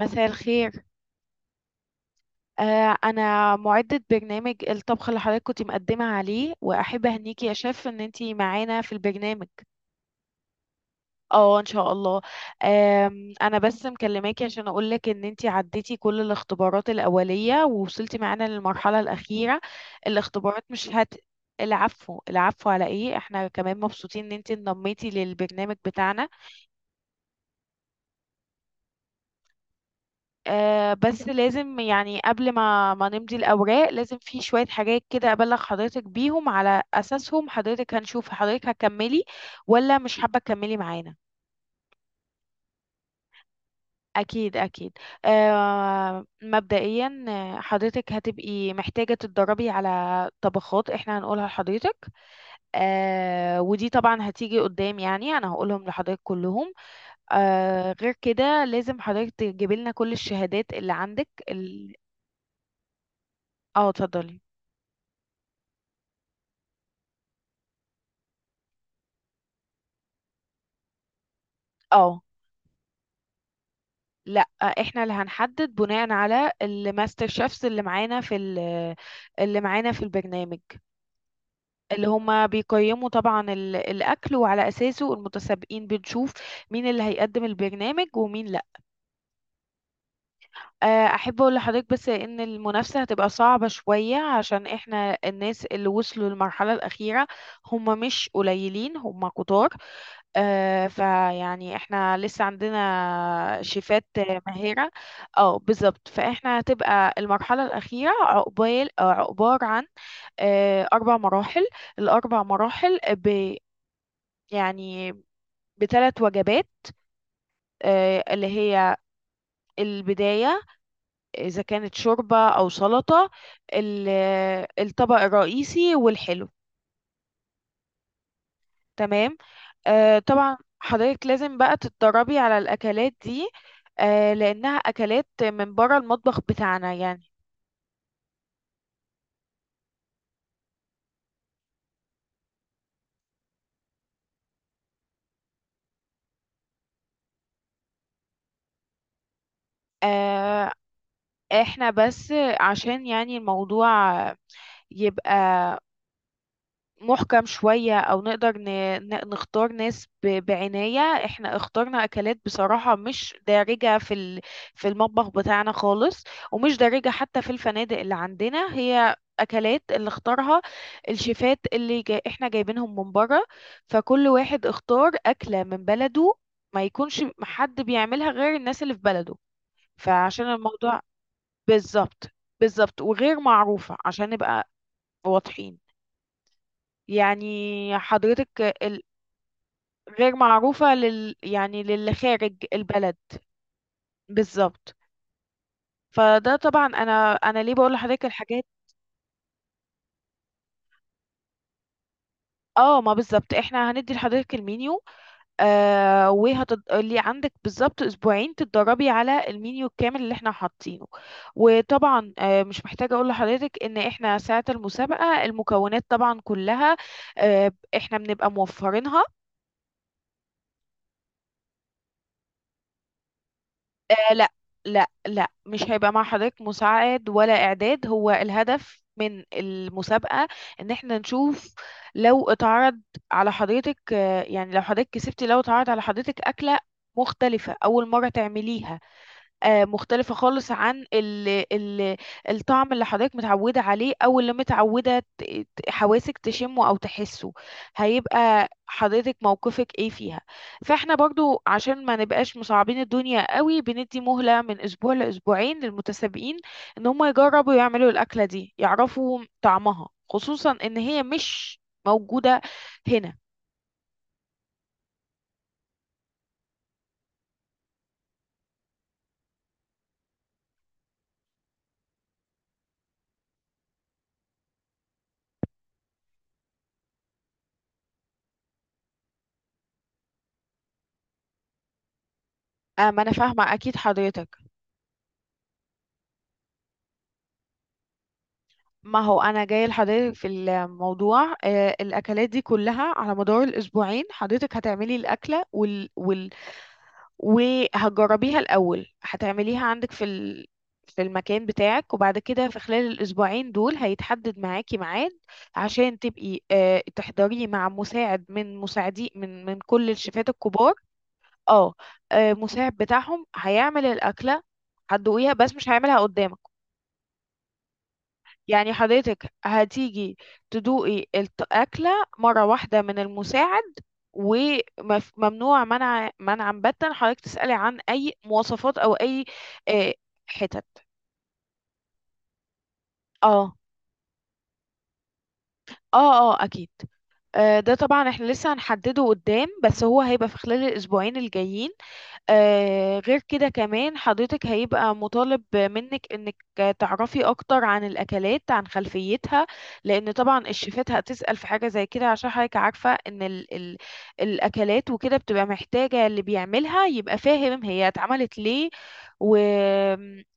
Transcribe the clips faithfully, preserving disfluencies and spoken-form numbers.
مساء الخير. آه، أنا معدة برنامج الطبخ اللي حضرتك كنت مقدمة عليه، وأحب أهنيكي يا شيف إن أنتي معانا في البرنامج. اه، إن شاء الله. آم، أنا بس مكلماكي عشان أقولك إن أنتي عديتي كل الاختبارات الأولية ووصلتي معانا للمرحلة الأخيرة. الاختبارات مش هت العفو، العفو، على إيه، إحنا كمان مبسوطين إن أنتي انضميتي للبرنامج بتاعنا. آه بس لازم يعني قبل ما ما نمضي الأوراق، لازم في شوية حاجات كده أبلغ حضرتك بيهم، على أساسهم حضرتك هنشوف حضرتك هتكملي ولا مش حابة تكملي معانا. أكيد، أكيد. آه مبدئيا، آه، حضرتك هتبقي محتاجة تتدربي على طبخات احنا هنقولها لحضرتك. آه ودي طبعا هتيجي قدام، يعني أنا هقولهم لحضرتك كلهم. آه غير كده لازم حضرتك تجيبي لنا كل الشهادات اللي عندك ال... اه، اتفضلي. اه، لا، احنا اللي هنحدد بناء على الماستر شيفs اللي معانا في ال- اللي معانا في البرنامج، اللي هما بيقيموا طبعا ال- الاكل، وعلى اساسه المتسابقين بنشوف مين اللي هيقدم البرنامج ومين لا. آه، احب اقول لحضرتك بس ان المنافسة هتبقى صعبة شوية عشان احنا الناس اللي وصلوا للمرحلة الاخيرة هما مش قليلين، هما كتار. آه، فيعني احنا لسه عندنا شيفات ماهرة. اه، بالظبط، فاحنا هتبقى المرحلة الأخيرة عقبال آه، عقبار عن آه، أربع مراحل. الأربع مراحل ب يعني بثلاث وجبات، آه، اللي هي البداية، إذا كانت شوربة أو سلطة، ال- الطبق الرئيسي، والحلو. تمام. آه طبعا حضرتك لازم بقى تتدربي على الأكلات دي، آه لأنها أكلات من بره المطبخ بتاعنا يعني. آه احنا بس عشان يعني الموضوع يبقى محكم شوية، أو نقدر ن... ن- نختار ناس ب... بعناية. احنا اخترنا أكلات بصراحة مش دارجة في ال... في المطبخ بتاعنا خالص، ومش دارجة حتى في الفنادق اللي عندنا. هي أكلات اللي اختارها الشيفات اللي جا... احنا جايبينهم من بره، فكل واحد اختار أكلة من بلده، ما يكونش حد بيعملها غير الناس اللي في بلده، فعشان الموضوع. بالظبط، بالظبط، وغير معروفة عشان نبقى واضحين، يعني حضرتك. غير معروفة لل، يعني للي خارج البلد. بالظبط. فده طبعا انا، انا ليه بقول لحضرتك الحاجات. اه، ما بالظبط احنا هندي لحضرتك المنيو، آه وهتد... اللي عندك بالظبط اسبوعين تتدربي على المنيو الكامل اللي احنا حاطينه. وطبعا آه مش محتاجة اقول لحضرتك ان احنا ساعة المسابقة المكونات طبعا كلها آه احنا بنبقى موفرينها. آه لا، لا، لا، مش هيبقى مع حضرتك مساعد ولا إعداد. هو الهدف من المسابقة إن احنا نشوف لو اتعرض على حضرتك آه يعني، لو حضرتك كسبتي لو اتعرض على حضرتك أكلة مختلفة أول مرة تعمليها، آه، مختلفة خالص عن ال ال الطعم اللي حضرتك متعودة عليه، أو اللي متعودة ت- ت- حواسك تشمه أو تحسه، هيبقى حضرتك موقفك ايه فيها. فاحنا برضو عشان ما نبقاش مصعبين الدنيا قوي، بندي مهلة من أسبوع لأسبوعين للمتسابقين إن هم يجربوا يعملوا الأكلة دي، يعرفوا طعمها، خصوصا إن هي مش موجودة هنا. آه، ما أنا فاهمة أكيد حضرتك. ما هو انا جايه لحضرتك في الموضوع، آه الاكلات دي كلها على مدار الاسبوعين حضرتك هتعملي الاكله وال... وال... وهتجربيها الاول، هتعمليها عندك في ال... في المكان بتاعك، وبعد كده في خلال الاسبوعين دول هيتحدد معاكي ميعاد عشان تبقي آه تحضريه مع مساعد من مساعدي من من كل الشيفات الكبار. اه، آه، مساعد بتاعهم هيعمل الاكله، هتدوقيها بس مش هيعملها قدامك. يعني حضرتك هتيجي تدوقي الأكلة مرة واحدة من المساعد، وممنوع منع منعا باتا حضرتك تسألي عن أي مواصفات أو أي آه، حتت اه اه اه اكيد. آه، ده طبعا احنا لسه هنحدده قدام، بس هو هيبقى في خلال الاسبوعين الجايين. آه غير كده كمان حضرتك هيبقى مطالب منك انك تعرفي اكتر عن الاكلات، عن خلفيتها، لان طبعا الشيفات هتسأل في حاجة زي كده، عشان حضرتك عارفة ان ال ال الاكلات وكده بتبقى محتاجة اللي بيعملها يبقى فاهم هي اتعملت ليه، و,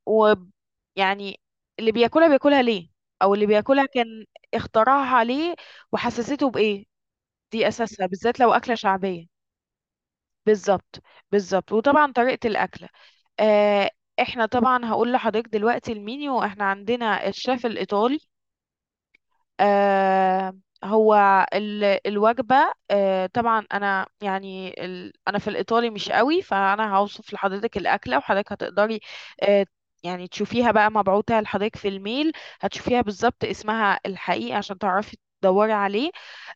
و يعني اللي بياكلها بياكلها ليه، او اللي بياكلها كان اختراعها ليه وحسسته بايه. دي اساسها بالذات لو اكلة شعبية. بالظبط، بالظبط، وطبعا طريقة الاكلة. آه، احنا طبعا هقول لحضرتك دلوقتي المينيو. احنا عندنا الشيف الايطالي، آه، هو ال- الوجبه آه، طبعا انا يعني ال- انا في الايطالي مش قوي، فانا هوصف لحضرتك الاكله وحضرتك هتقدري آه، يعني تشوفيها بقى مبعوتة لحضرتك في الميل، هتشوفيها بالظبط اسمها الحقيقي عشان تعرفي تدوري عليه.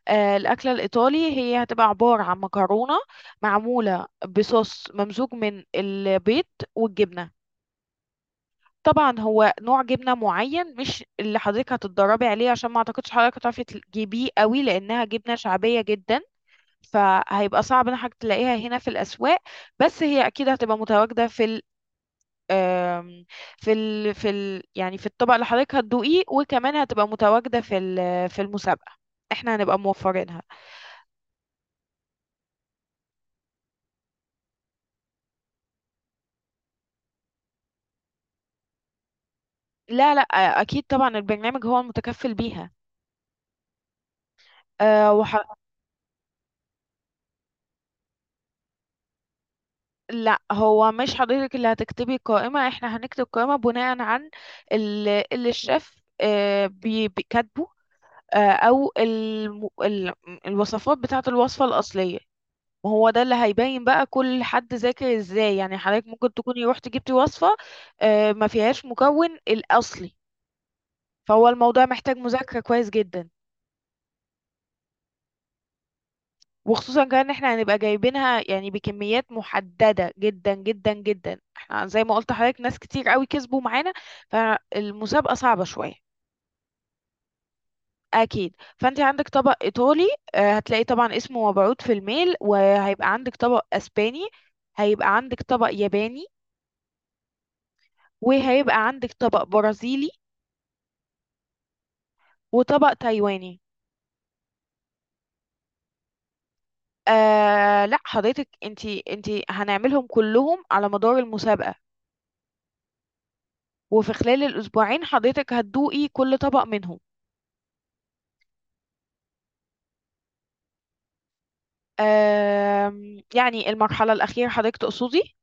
آه، الأكلة الإيطالي هي هتبقى عبارة عن مكرونة معمولة بصوص ممزوج من البيض والجبنة. طبعا هو نوع جبنه معين مش اللي حضرتك هتتدربي عليه، عشان ما اعتقدش حضرتك هتعرفي تجيبيه قوي لانها جبنه شعبيه جدا، فهيبقى صعب ان حضرتك تلاقيها هنا في الاسواق. بس هي اكيد هتبقى متواجده في ال آم، في ال في ال يعني في الطبق اللي حضرتك هتدوقيه، وكمان هتبقى متواجده في ال- في المسابقه، احنا هنبقى موفرينها. لا، لا، اكيد طبعا البرنامج هو المتكفل بيها. لا، هو مش حضرتك اللي هتكتبي قائمة، احنا هنكتب قائمة بناء عن ال- اللي الشيف آه، بي- بيكاتبه، آه، او الم- ال- الوصفات بتاعة الوصفة الأصلية، وهو ده اللي هيبين بقى كل حد ذاكر ازاي. يعني حضرتك ممكن تكوني روحتي جبتي وصفة آه، ما فيهاش مكون الأصلي، فهو الموضوع محتاج مذاكرة كويس جدا. وخصوصا كمان ان احنا هنبقى جايبينها يعني بكميات محددة جدا جدا جدا. احنا زي ما قلت حضرتك ناس كتير قوي كسبوا معانا، فالمسابقة صعبة شوية. اكيد فانت عندك طبق ايطالي، آه، هتلاقي طبعا اسمه مبعوث في الميل، وهيبقى عندك طبق اسباني، هيبقى عندك طبق ياباني، وهيبقى عندك طبق برازيلي، وطبق تايواني. آه لا، حضرتك انتي، انتي هنعملهم كلهم على مدار المسابقة، وفي خلال الأسبوعين حضرتك هتدوقي كل طبق منهم. آم، يعني المرحلة الأخيرة حضرتك تقصدي؟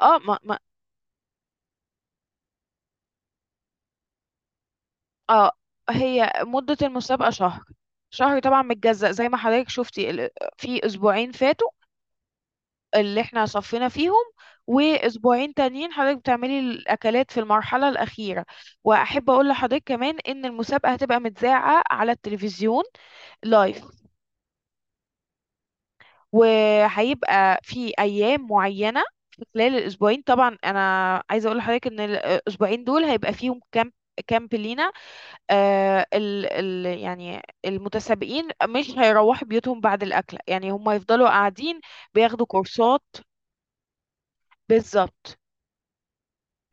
اه، ما ما اه هي مدة المسابقة شهر. شهر طبعا متجزأ زي ما حضرتك شفتي ال- في أسبوعين فاتوا اللي احنا صفينا فيهم، وأسبوعين تانيين حضرتك بتعملي الأكلات في المرحلة الأخيرة. وأحب أقول لحضرتك كمان إن المسابقة هتبقى متذاعة على التلفزيون لايف، وهيبقى في ايام معينه في خلال الاسبوعين. طبعا انا عايزه اقول لحضرتك ان الاسبوعين دول هيبقى فيهم كامب، كامب لينا، آه ال ال يعني المتسابقين مش هيروحوا بيوتهم بعد الاكل، يعني هم يفضلوا قاعدين بياخدوا كورسات. بالظبط،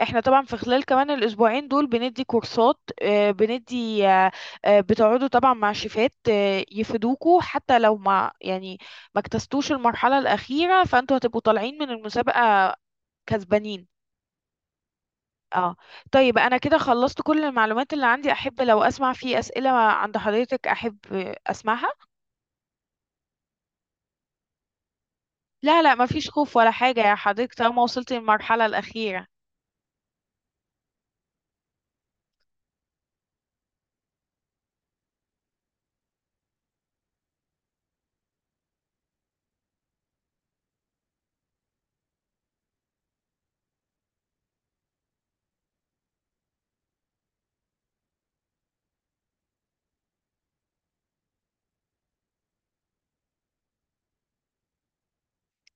احنا طبعا في خلال كمان الاسبوعين دول بندي كورسات، آه، بندي آه، آه، بتقعدوا طبعا مع شيفات آه، يفيدوكوا، حتى لو ما يعني ما اجتزتوش المرحلة الأخيرة فانتوا هتبقوا طالعين من المسابقة كسبانين. اه، طيب انا كده خلصت كل المعلومات اللي عندي، احب لو اسمع في اسئله عند حضرتك، احب اسمعها. لا، لا، مفيش خوف ولا حاجه يا حضرتك طالما وصلت للمرحله الاخيره.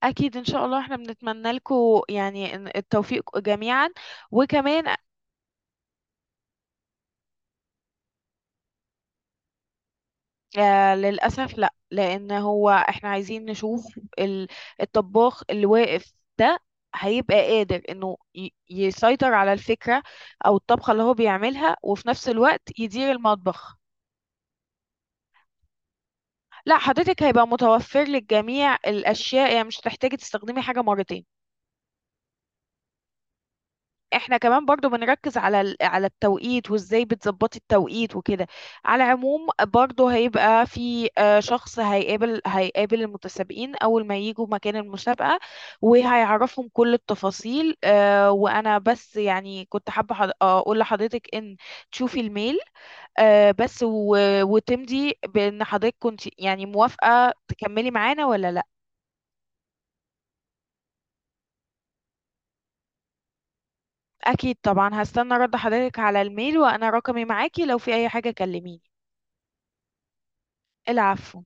اكيد ان شاء الله، احنا بنتمنى لكم يعني إن- التوفيق جميعا. وكمان، آه للأسف لا، لأن هو احنا عايزين نشوف ال- الطباخ اللي واقف ده هيبقى قادر انه ي- يسيطر على الفكرة او الطبخة اللي هو بيعملها، وفي نفس الوقت يدير المطبخ. لا، حضرتك هيبقى متوفر للجميع الأشياء، يعني مش هتحتاجي تستخدمي حاجة مرتين. احنا كمان برضو بنركز على ال- على التوقيت وازاي بتظبطي التوقيت وكده. على العموم برضو هيبقى في آه، شخص هيقابل هيقابل المتسابقين اول ما يجوا مكان المسابقة، وهيعرفهم كل التفاصيل. آه، وانا بس يعني كنت حابة حض- آه، اقول لحضرتك ان تشوفي الميل، آه، بس و- وتمضي بان حضرتك كنت يعني موافقة تكملي معانا ولا لا. اكيد طبعا، هستنى رد حضرتك على الميل، وانا رقمي معاكي لو في اي حاجة كلميني. العفو.